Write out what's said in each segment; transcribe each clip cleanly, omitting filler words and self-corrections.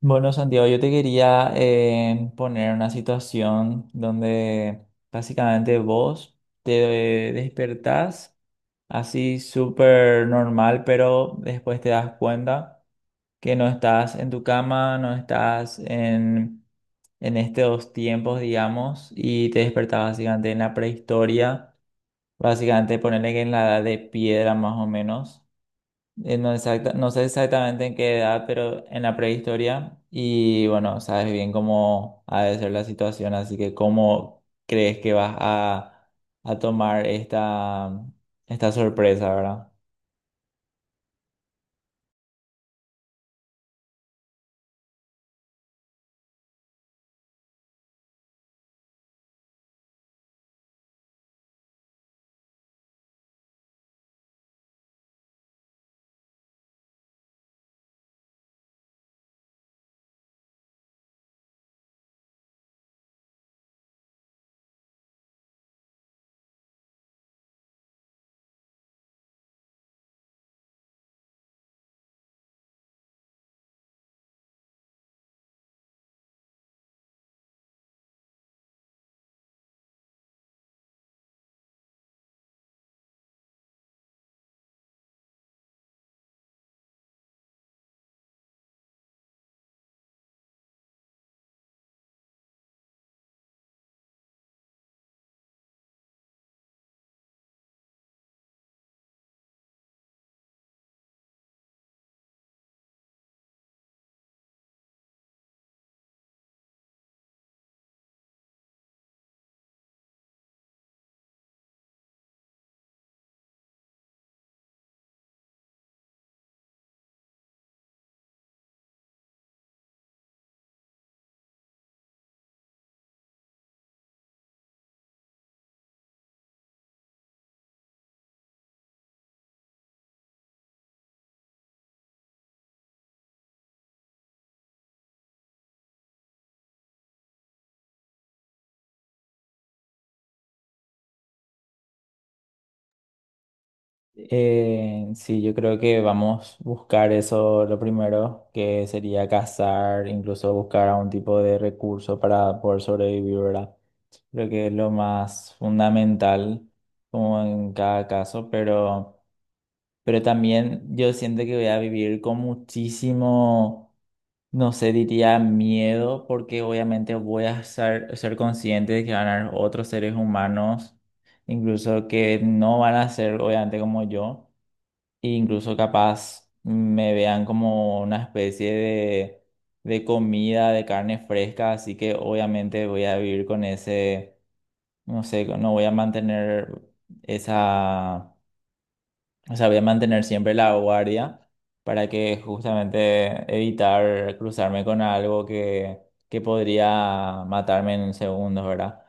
Bueno, Santiago, yo te quería poner una situación donde básicamente vos te despertás así súper normal, pero después te das cuenta que no estás en tu cama, no estás en estos tiempos, digamos, y te despertás básicamente en la prehistoria, básicamente ponerle que en la edad de piedra más o menos. No, no sé exactamente en qué edad, pero en la prehistoria. Y bueno, sabes bien cómo ha de ser la situación, así que cómo crees que a tomar esta sorpresa, ¿verdad? Sí, yo creo que vamos a buscar eso lo primero, que sería cazar, incluso buscar algún tipo de recurso para poder sobrevivir, ¿verdad? Creo que es lo más fundamental, como en cada caso, pero también yo siento que voy a vivir con muchísimo, no sé, diría miedo, porque obviamente voy a ser consciente de que van a haber otros seres humanos, incluso que no van a ser obviamente como yo, e incluso capaz me vean como una especie de comida, de carne fresca, así que obviamente voy a vivir con ese, no sé, no voy a mantener esa o sea, voy a mantener siempre la guardia para que justamente evitar cruzarme con algo que podría matarme en segundos, ¿verdad?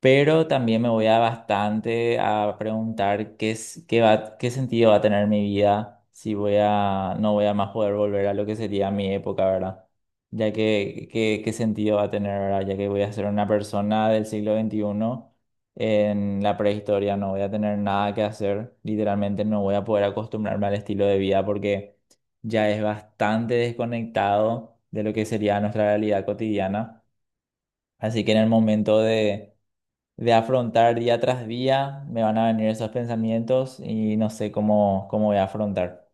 Pero también me voy a bastante a preguntar qué es, qué sentido va a tener mi vida si voy a, no voy a más poder volver a lo que sería mi época, ¿verdad? Ya que, qué, qué sentido va a tener, ¿verdad? Ya que voy a ser una persona del siglo XXI en la prehistoria no voy a tener nada que hacer, literalmente no voy a poder acostumbrarme al estilo de vida porque ya es bastante desconectado de lo que sería nuestra realidad cotidiana. Así que en el momento de afrontar día tras día, me van a venir esos pensamientos y no sé cómo, cómo voy a afrontar.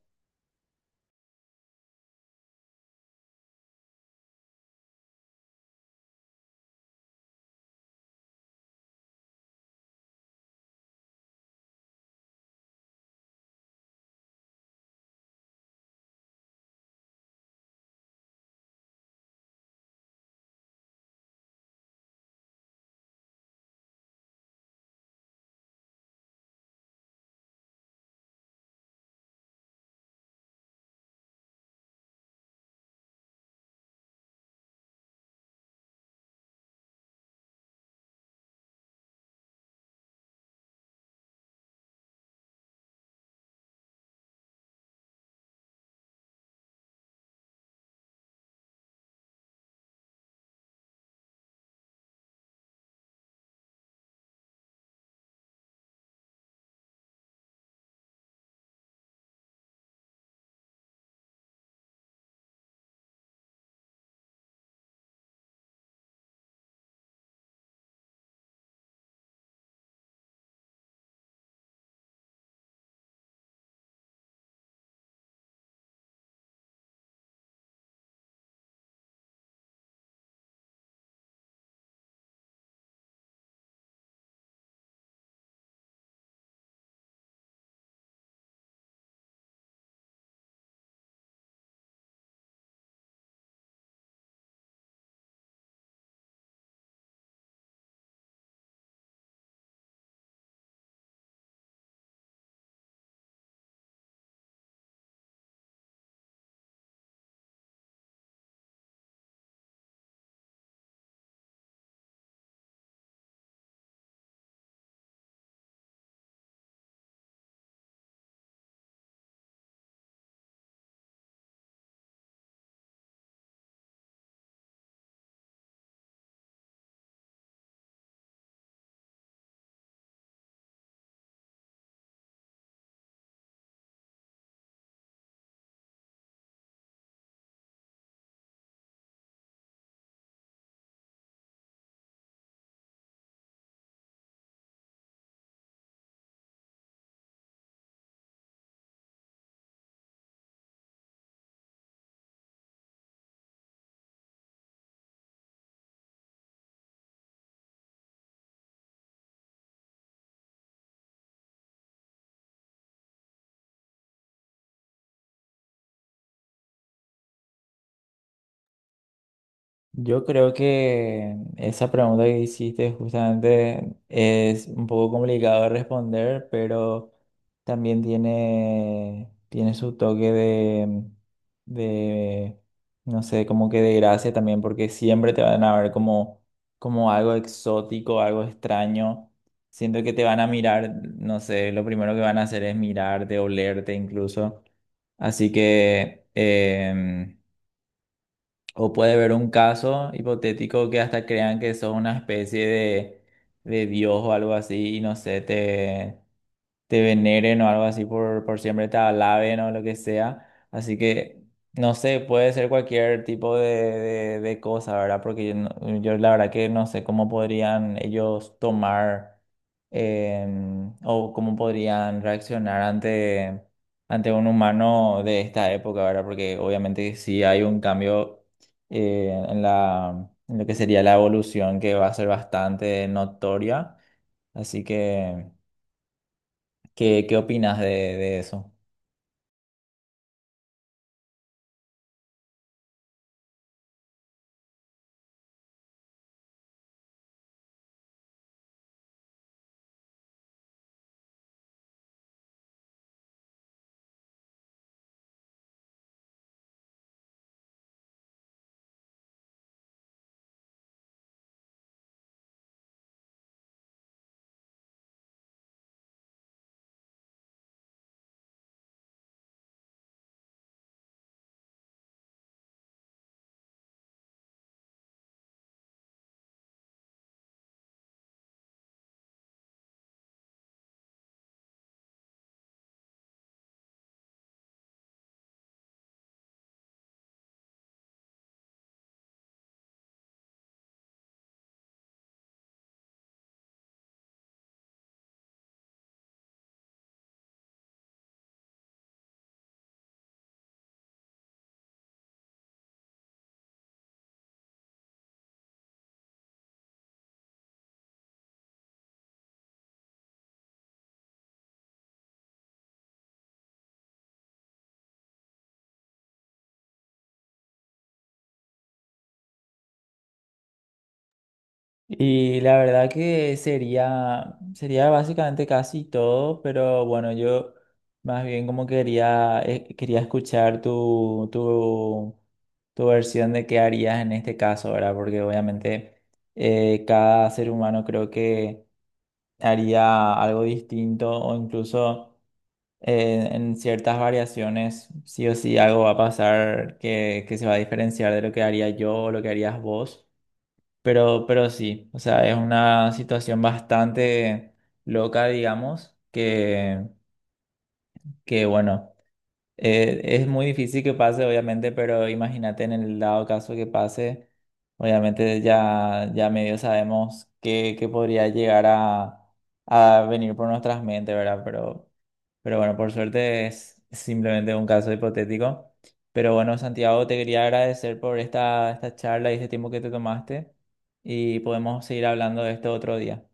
Yo creo que esa pregunta que hiciste justamente es un poco complicado de responder, pero también tiene su toque de, no sé, como que de gracia también, porque siempre te van a ver como algo exótico, algo extraño. Siento que te van a mirar, no sé, lo primero que van a hacer es mirarte, olerte incluso. Así que o puede haber un caso hipotético que hasta crean que sos una especie de Dios o algo así y no sé, te veneren o algo así por siempre, te alaben o lo que sea. Así que, no sé, puede ser cualquier tipo de cosa, ¿verdad? Porque yo, yo la verdad que no sé cómo podrían ellos tomar o cómo podrían reaccionar ante un humano de esta época, ¿verdad? Porque obviamente sí hay un cambio en en lo que sería la evolución que va a ser bastante notoria. Así que ¿qué, qué opinas de eso? Y la verdad que sería básicamente casi todo, pero bueno, yo más bien como quería, quería escuchar tu, tu, tu versión de qué harías en este caso, ¿verdad? Porque obviamente cada ser humano creo que haría algo distinto o incluso en ciertas variaciones, sí o sí algo va a pasar que se va a diferenciar de lo que haría yo o lo que harías vos. Pero sí, o sea, es una situación bastante loca, digamos, que bueno. Es muy difícil que pase, obviamente, pero imagínate en el dado caso que pase, obviamente ya, ya medio sabemos que podría llegar a venir por nuestras mentes, ¿verdad? Pero bueno, por suerte es simplemente un caso hipotético. Pero bueno, Santiago, te quería agradecer por esta charla y este tiempo que te tomaste y podemos seguir hablando de esto otro día.